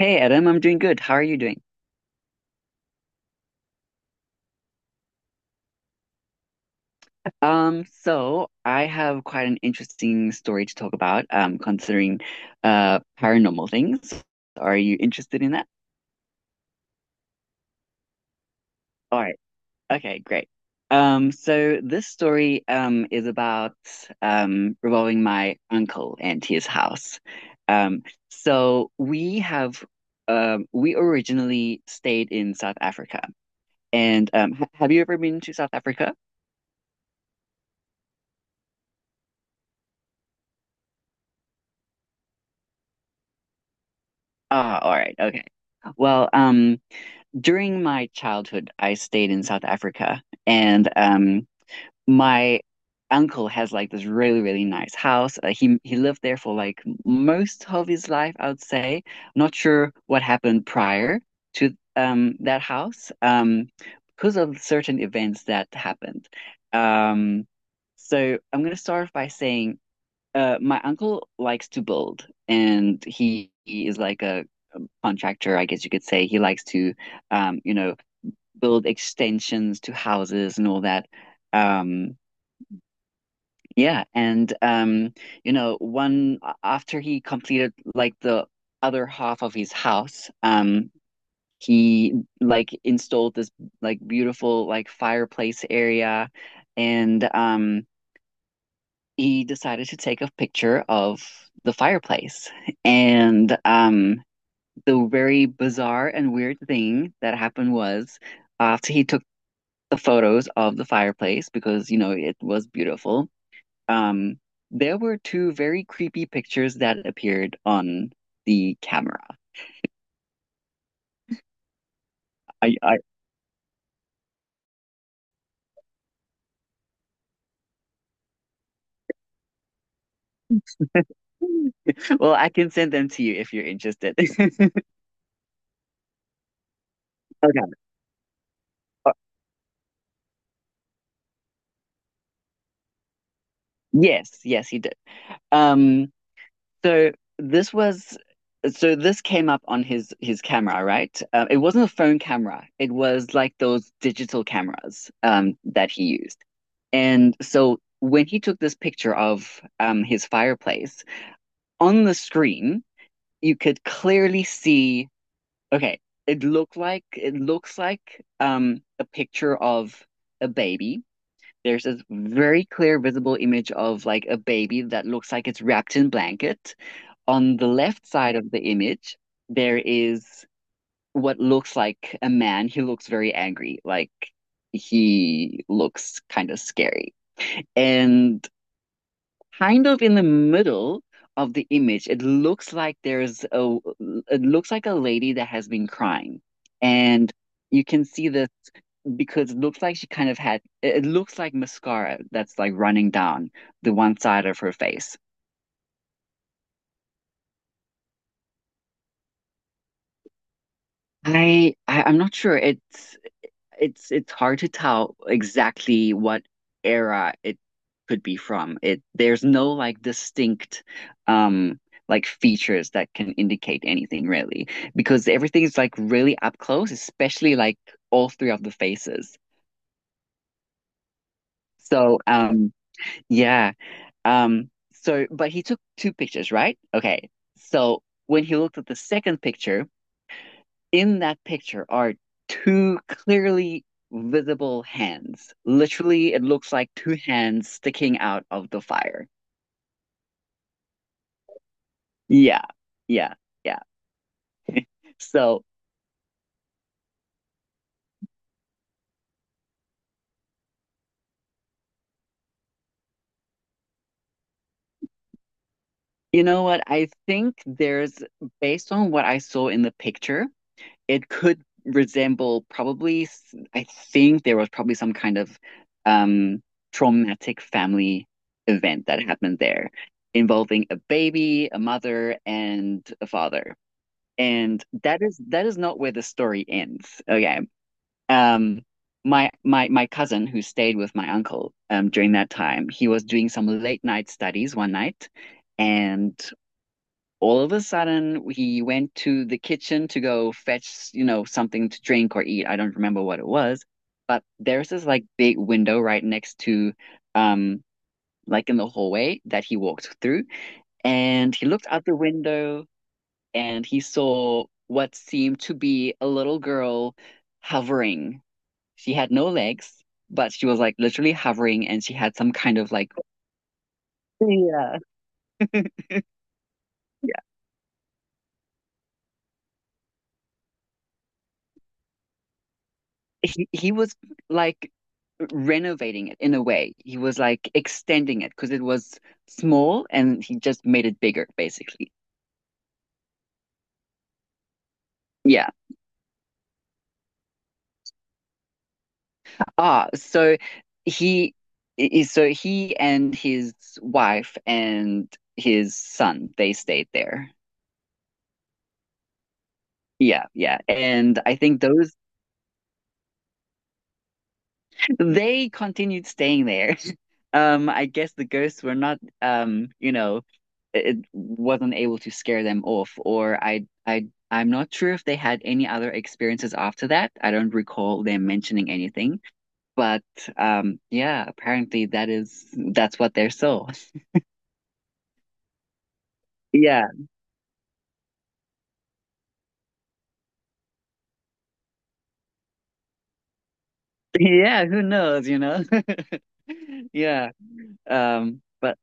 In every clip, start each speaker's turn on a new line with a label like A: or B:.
A: Hey Adam, I'm doing good. How are you doing? So I have quite an interesting story to talk about, considering paranormal things. Are you interested in that? All right. Okay, great. So this story is about revolving my uncle and his house. Um, so we originally stayed in South Africa. And ha have you ever been to South Africa? Ah, all right, okay. Well, during my childhood, I stayed in South Africa, and my uncle has like this really, really nice house. He lived there for like most of his life, I would say. Not sure what happened prior to that house, because of certain events that happened. Um, so I'm gonna start off by saying, my uncle likes to build, and he is like a contractor, I guess you could say. He likes to, um, you know build extensions to houses and all that. Um, yeah, and um, one after he completed like the other half of his house, he like installed this like beautiful like fireplace area, and he decided to take a picture of the fireplace. And the very bizarre and weird thing that happened was after he took the photos of the fireplace because, you know, it was beautiful. Um, there were two very creepy pictures that appeared on the camera. I, I, well, I can send them to you if you're interested. Okay. Uh, Yes, yes, he did. Um, So this was this came up on his camera, right? It wasn't a phone camera. It was like those digital cameras that he used. And so when he took this picture of his fireplace on the screen, you could clearly see. Okay, it looks like a picture of a baby. There's this very clear, visible image of like a baby that looks like it's wrapped in blanket. On the left side of the image, there is what looks like a man. He looks very angry, like he looks kind of scary. And kind of in the middle of the image, it looks like a lady that has been crying. And you can see this because it looks like she kind of had it looks like mascara that's like running down the one side of her face. I'm not sure. It's hard to tell exactly what era it could be from. It There's no like distinct um like features that can indicate anything really because everything is like really up close, especially like all three of the faces. So um yeah so but he took two pictures, right? Okay. So when he looked at the second picture, in that picture are two clearly visible hands. Literally, it looks like two hands sticking out of the fire. Yeah, yeah, yeah. So, you know what? Based on what I saw in the picture, it could resemble probably, I think there was probably some kind of um, traumatic family event that happened there involving a baby, a mother, and a father. And that is not where the story ends. Okay. Um my cousin who stayed with my uncle during that time, he was doing some late night studies one night and all of a sudden he went to the kitchen to go fetch, you know, something to drink or eat. I don't remember what it was, but there's this like big window right next to um like in the hallway that he walked through and he looked out the window and he saw what seemed to be a little girl hovering. She had no legs, but she was like literally hovering and she had some kind of like. Yeah. Yeah. He was like renovating it in a way. He was like extending it because it was small and he just made it bigger, basically. Yeah. Ah, so he is so he and his wife and his son, they stayed there. Yeah, yeah. And I think those They continued staying there. I guess the ghosts were not you know, it wasn't able to scare them off, or I'm not sure if they had any other experiences after that. I don't recall them mentioning anything, but yeah, apparently that's what they're so. Yeah. Yeah, who knows, you know? Yeah. But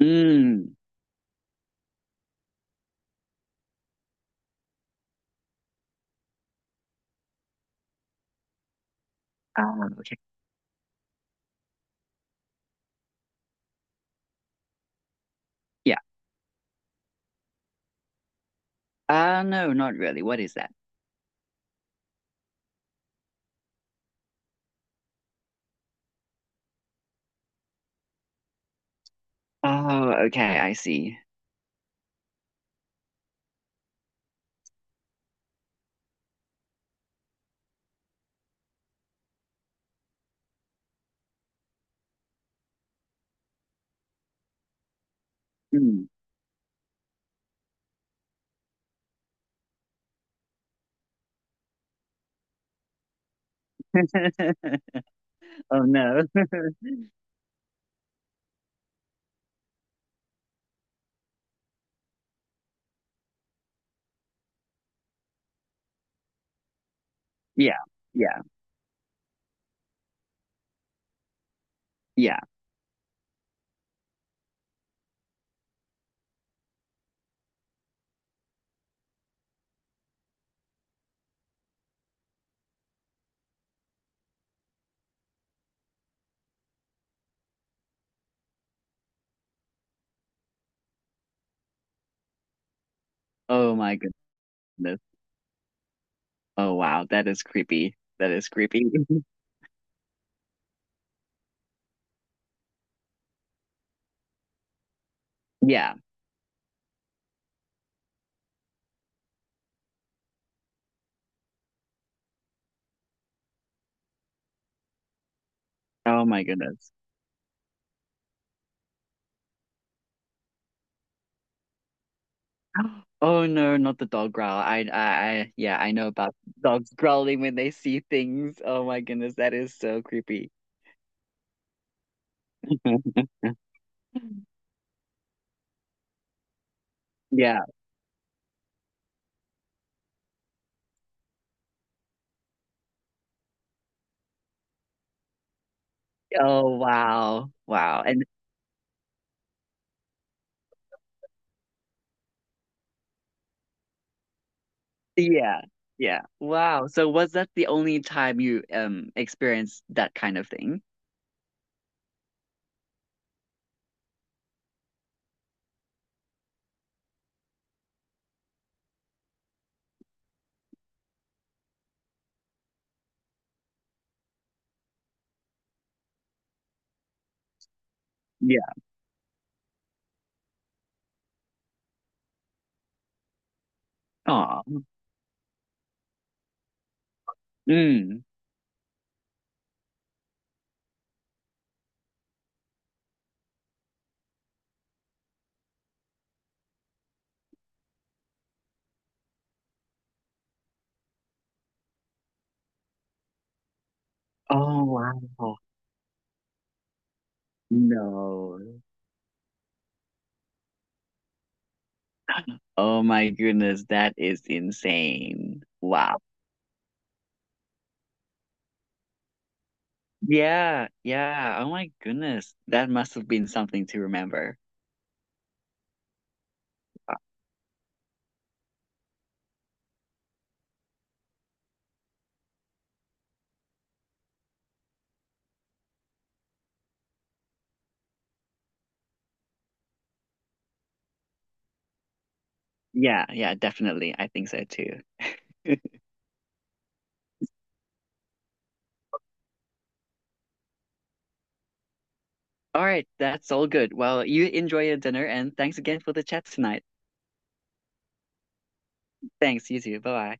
A: mm, ah, okay. Yeah. No, not really. What is that? Oh, okay, I see. Mm. Oh no. Yeah, yeah, yeah. Oh my goodness. Oh wow, that is creepy. That is creepy. Yeah. Oh my goodness. Oh no, not the dog growl. Yeah, I know about dogs growling when they see things. Oh my goodness, that is so creepy. Yeah. Oh wow. Wow. And yeah. Yeah. Wow. So was that the only time you experienced that kind of thing? Aw. Mm. Oh, wow. No. Oh my goodness, that is insane. Wow. Yeah, yeah. Oh my goodness. That must have been something to remember. Yeah, yeah, definitely. I think so too. All right, that's all good. Well, you enjoy your dinner and thanks again for the chat tonight. Thanks, you too. Bye-bye.